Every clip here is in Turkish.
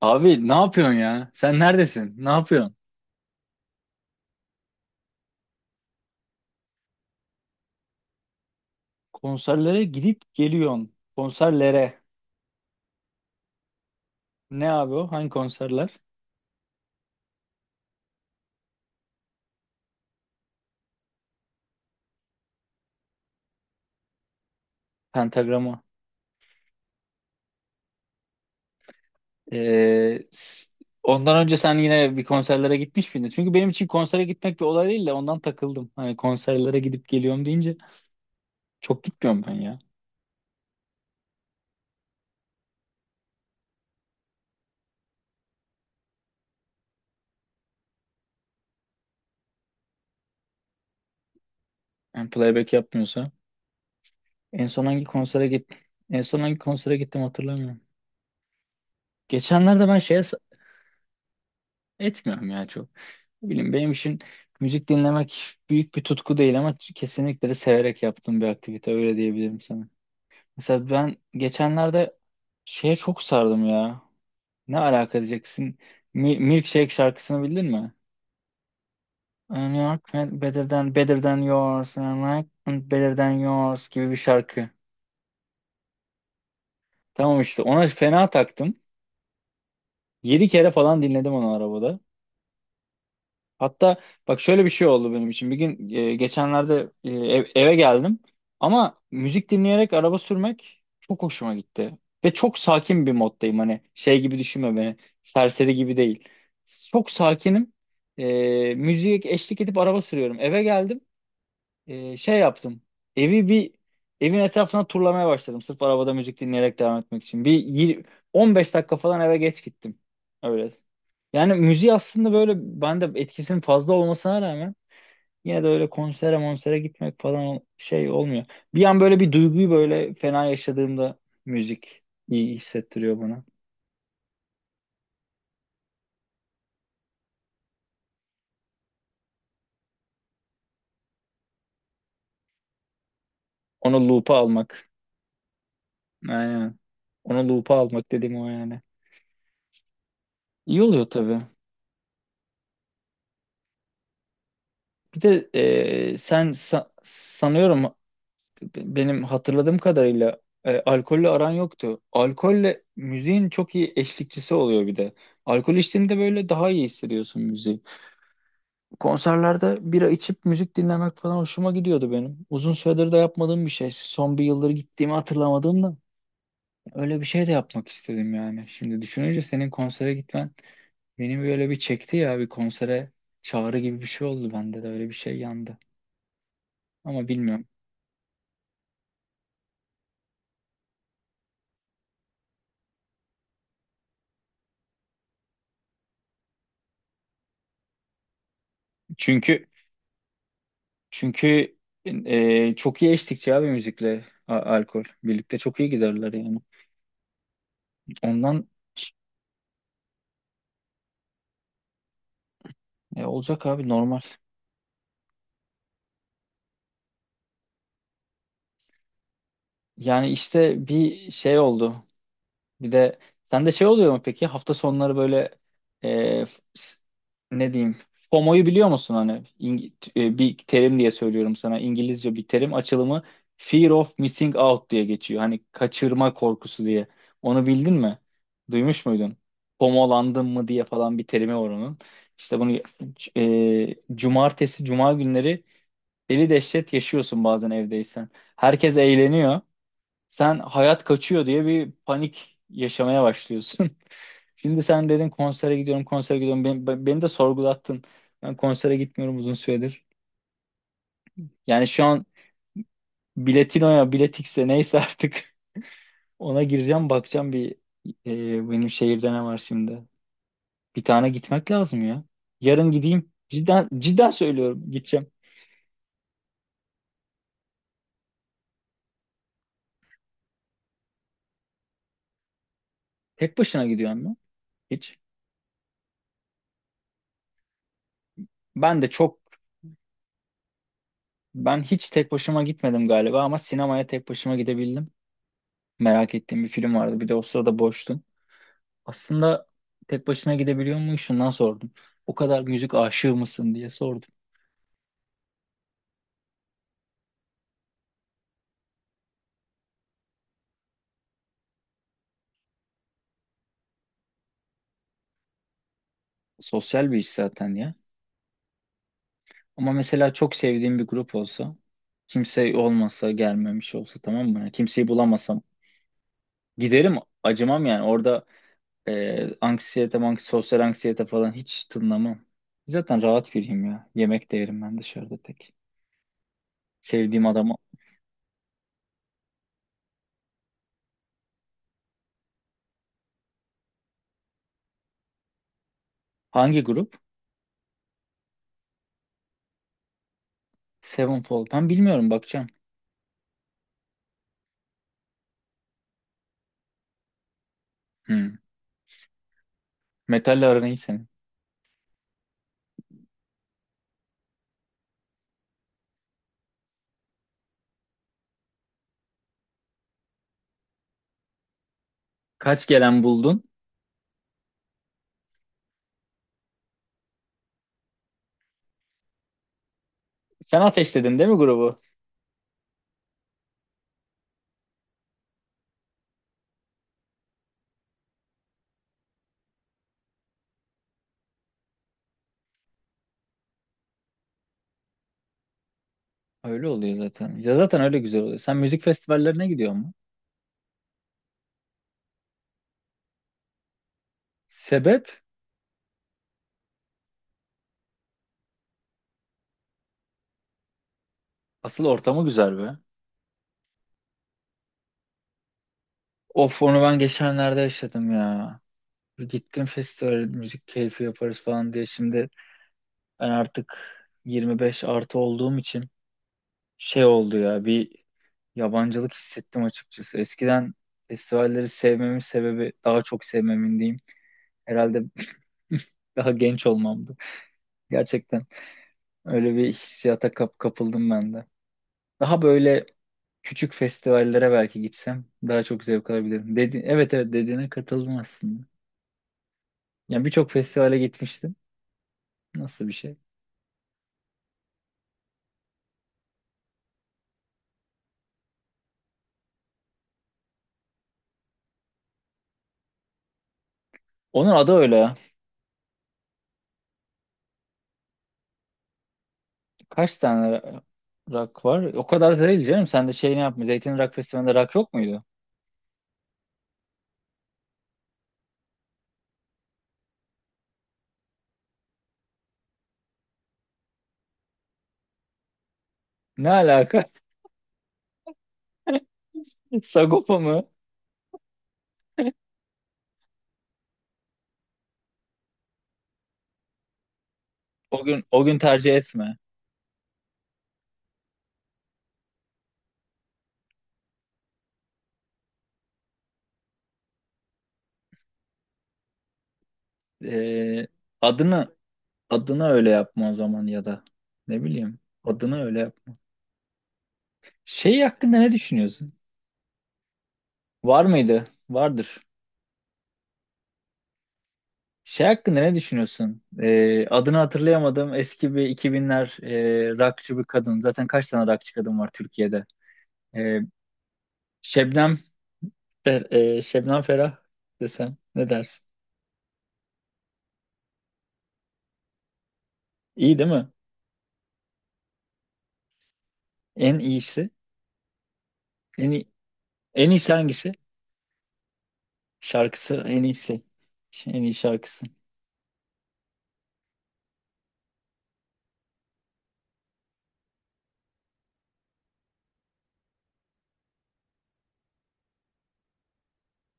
Abi ne yapıyorsun ya? Sen neredesin? Ne yapıyorsun? Konserlere gidip geliyorsun. Konserlere. Ne abi o? Hangi konserler? Pentagrama. Ee, s- Ondan önce sen yine bir konserlere gitmiş miydin? Çünkü benim için konsere gitmek bir olay değil de ondan takıldım. Hani konserlere gidip geliyorum deyince çok gitmiyorum ben ya. Yani playback yapmıyorsa. En son hangi konsere git? En son hangi konsere gittim hatırlamıyorum. Geçenlerde ben şeye s- Etmiyorum ya çok. Ne bileyim benim için müzik dinlemek büyük bir tutku değil ama kesinlikle de severek yaptığım bir aktivite öyle diyebilirim sana. Mesela ben geçenlerde şeye çok sardım ya. Ne alaka diyeceksin? Milkshake şarkısını bildin mi? And Your better than better than yours and like and better than yours gibi bir şarkı. Tamam işte ona fena taktım. 7 kere falan dinledim onu arabada. Hatta bak şöyle bir şey oldu benim için. Bir gün geçenlerde eve geldim ama müzik dinleyerek araba sürmek çok hoşuma gitti. Ve çok sakin bir moddayım. Hani şey gibi düşünme beni. Serseri gibi değil. Çok sakinim. Müziğe eşlik edip araba sürüyorum. Eve geldim, şey yaptım. Evi bir Evin etrafına turlamaya başladım. Sırf arabada müzik dinleyerek devam etmek için. 15 dakika falan eve geç gittim. Öyle. Yani müziği aslında böyle bende etkisinin fazla olmasına rağmen yine de öyle konsere monsere gitmek falan şey olmuyor. Bir an böyle bir duyguyu böyle fena yaşadığımda müzik iyi hissettiriyor bana. Onu loop'a almak. Aynen. Onu loop'a almak dediğim o yani. İyi oluyor tabii. Bir de sanıyorum benim hatırladığım kadarıyla alkolle aran yoktu. Alkolle müziğin çok iyi eşlikçisi oluyor bir de. Alkol içtiğinde böyle daha iyi hissediyorsun müziği. Konserlerde bira içip müzik dinlemek falan hoşuma gidiyordu benim. Uzun süredir de yapmadığım bir şey. Son bir yıldır gittiğimi hatırlamadım da öyle bir şey de yapmak istedim yani. Şimdi düşününce senin konsere gitmen beni böyle bir çekti ya, bir konsere çağrı gibi bir şey oldu, bende de öyle bir şey yandı. Ama bilmiyorum. Çünkü Çünkü çok iyi eşlikçi abi müzikle alkol. Birlikte çok iyi giderler yani. Ondan olacak abi normal. Yani işte bir şey oldu. Bir de sende şey oluyor mu peki? Hafta sonları böyle e, f- s- ne diyeyim? FOMO'yu biliyor musun hani? Bir terim diye söylüyorum sana. İngilizce bir terim, açılımı Fear of Missing Out diye geçiyor. Hani kaçırma korkusu diye. Onu bildin mi? Duymuş muydun? FOMO'landın mı diye falan bir terimi var onun. İşte bunu cumartesi, cuma günleri deli dehşet yaşıyorsun bazen evdeysen. Herkes eğleniyor, sen hayat kaçıyor diye bir panik yaşamaya başlıyorsun. Şimdi sen dedin konsere gidiyorum, konsere gidiyorum. Beni de sorgulattın. Ben konsere gitmiyorum uzun süredir. Yani şu an biletinoya, biletikse neyse artık ona gireceğim, bakacağım bir, benim şehirde ne var şimdi. Bir tane gitmek lazım ya. Yarın gideyim. Cidden, cidden söylüyorum gideceğim. Tek başına gidiyorum mu? Hiç. Ben de çok, Ben hiç tek başıma gitmedim galiba ama sinemaya tek başıma gidebildim. Merak ettiğim bir film vardı. Bir de o sırada boştum. Aslında tek başına gidebiliyor muyum? Şundan sordum. O kadar müzik aşığı mısın diye sordum. Sosyal bir iş zaten ya. Ama mesela çok sevdiğim bir grup olsa, kimse olmasa, gelmemiş olsa, tamam mı? Yani kimseyi bulamasam giderim, acımam yani. Orada sosyal anksiyete falan hiç tınlamam. Zaten rahat biriyim ya. Yemek de yerim ben dışarıda tek. Sevdiğim adamı. Hangi grup? Sevenfold. Ben bilmiyorum, bakacağım. Hmm. Metalle aran iyi senin. Kaç gelen buldun? Sen ateşledin değil mi grubu? Öyle oluyor zaten. Ya zaten öyle güzel oluyor. Sen müzik festivallerine gidiyor mu? Sebep? Asıl ortamı güzel be. Of onu ben geçenlerde yaşadım ya. Gittim festivale müzik keyfi yaparız falan diye. Şimdi ben artık 25 artı olduğum için şey oldu ya, bir yabancılık hissettim açıkçası. Eskiden festivalleri sevmemin sebebi, daha çok sevmemin diyeyim, herhalde daha genç olmamdı. Gerçekten. Öyle bir hissiyata kapıldım ben de. Daha böyle küçük festivallere belki gitsem daha çok zevk alabilirim dedi, evet evet dediğine katıldım aslında. Yani birçok festivale gitmiştim. Nasıl bir şey? Onun adı öyle ya. Kaç tane ra- rock var? O kadar da değil canım. Sen de şeyini yapma. Zeytin Rock Festivali'nde rock yok muydu? Ne alaka? Sagopa mı? O gün o gün tercih etme. Ee, adını Adını öyle yapma o zaman, ya da ne bileyim. Adını öyle yap. Şey hakkında ne düşünüyorsun? Var mıydı? Vardır. Şey hakkında ne düşünüyorsun? Adını hatırlayamadım. Eski bir 2000'ler rockçı bir kadın. Zaten kaç tane rockçı kadın var Türkiye'de? Ee, Şebnem Fer- Şebnem Ferah desem ne dersin? İyi değil mi? En iyisi. En iyi, En iyisi hangisi? Şarkısı en iyisi. En iyi şarkısı.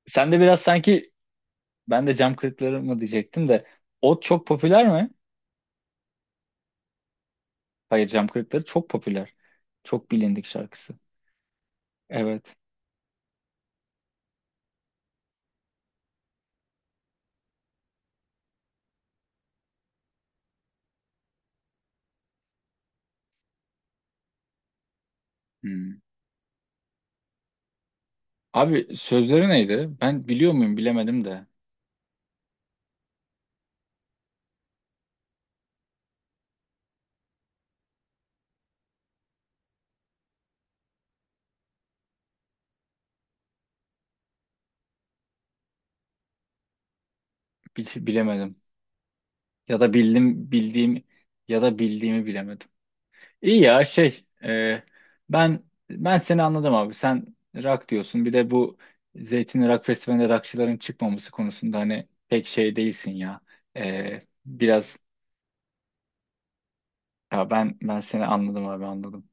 Sen de biraz sanki ben de Cam Kırıkları mı diyecektim de o çok popüler mi? Hayır, Cem Kırıkları çok popüler. Çok bilindik şarkısı. Evet. Hmm. Abi sözleri neydi? Ben biliyor muyum bilemedim de. Bilemedim. Ya da bildim, bildiğim ya da bildiğimi bilemedim. İyi ya şey, ben ben seni anladım abi. Sen rock diyorsun. Bir de bu Zeytin Rock Festivali'nde rockçıların çıkmaması konusunda hani pek şey değilsin ya. E, biraz ya ben Ben seni anladım abi, anladım.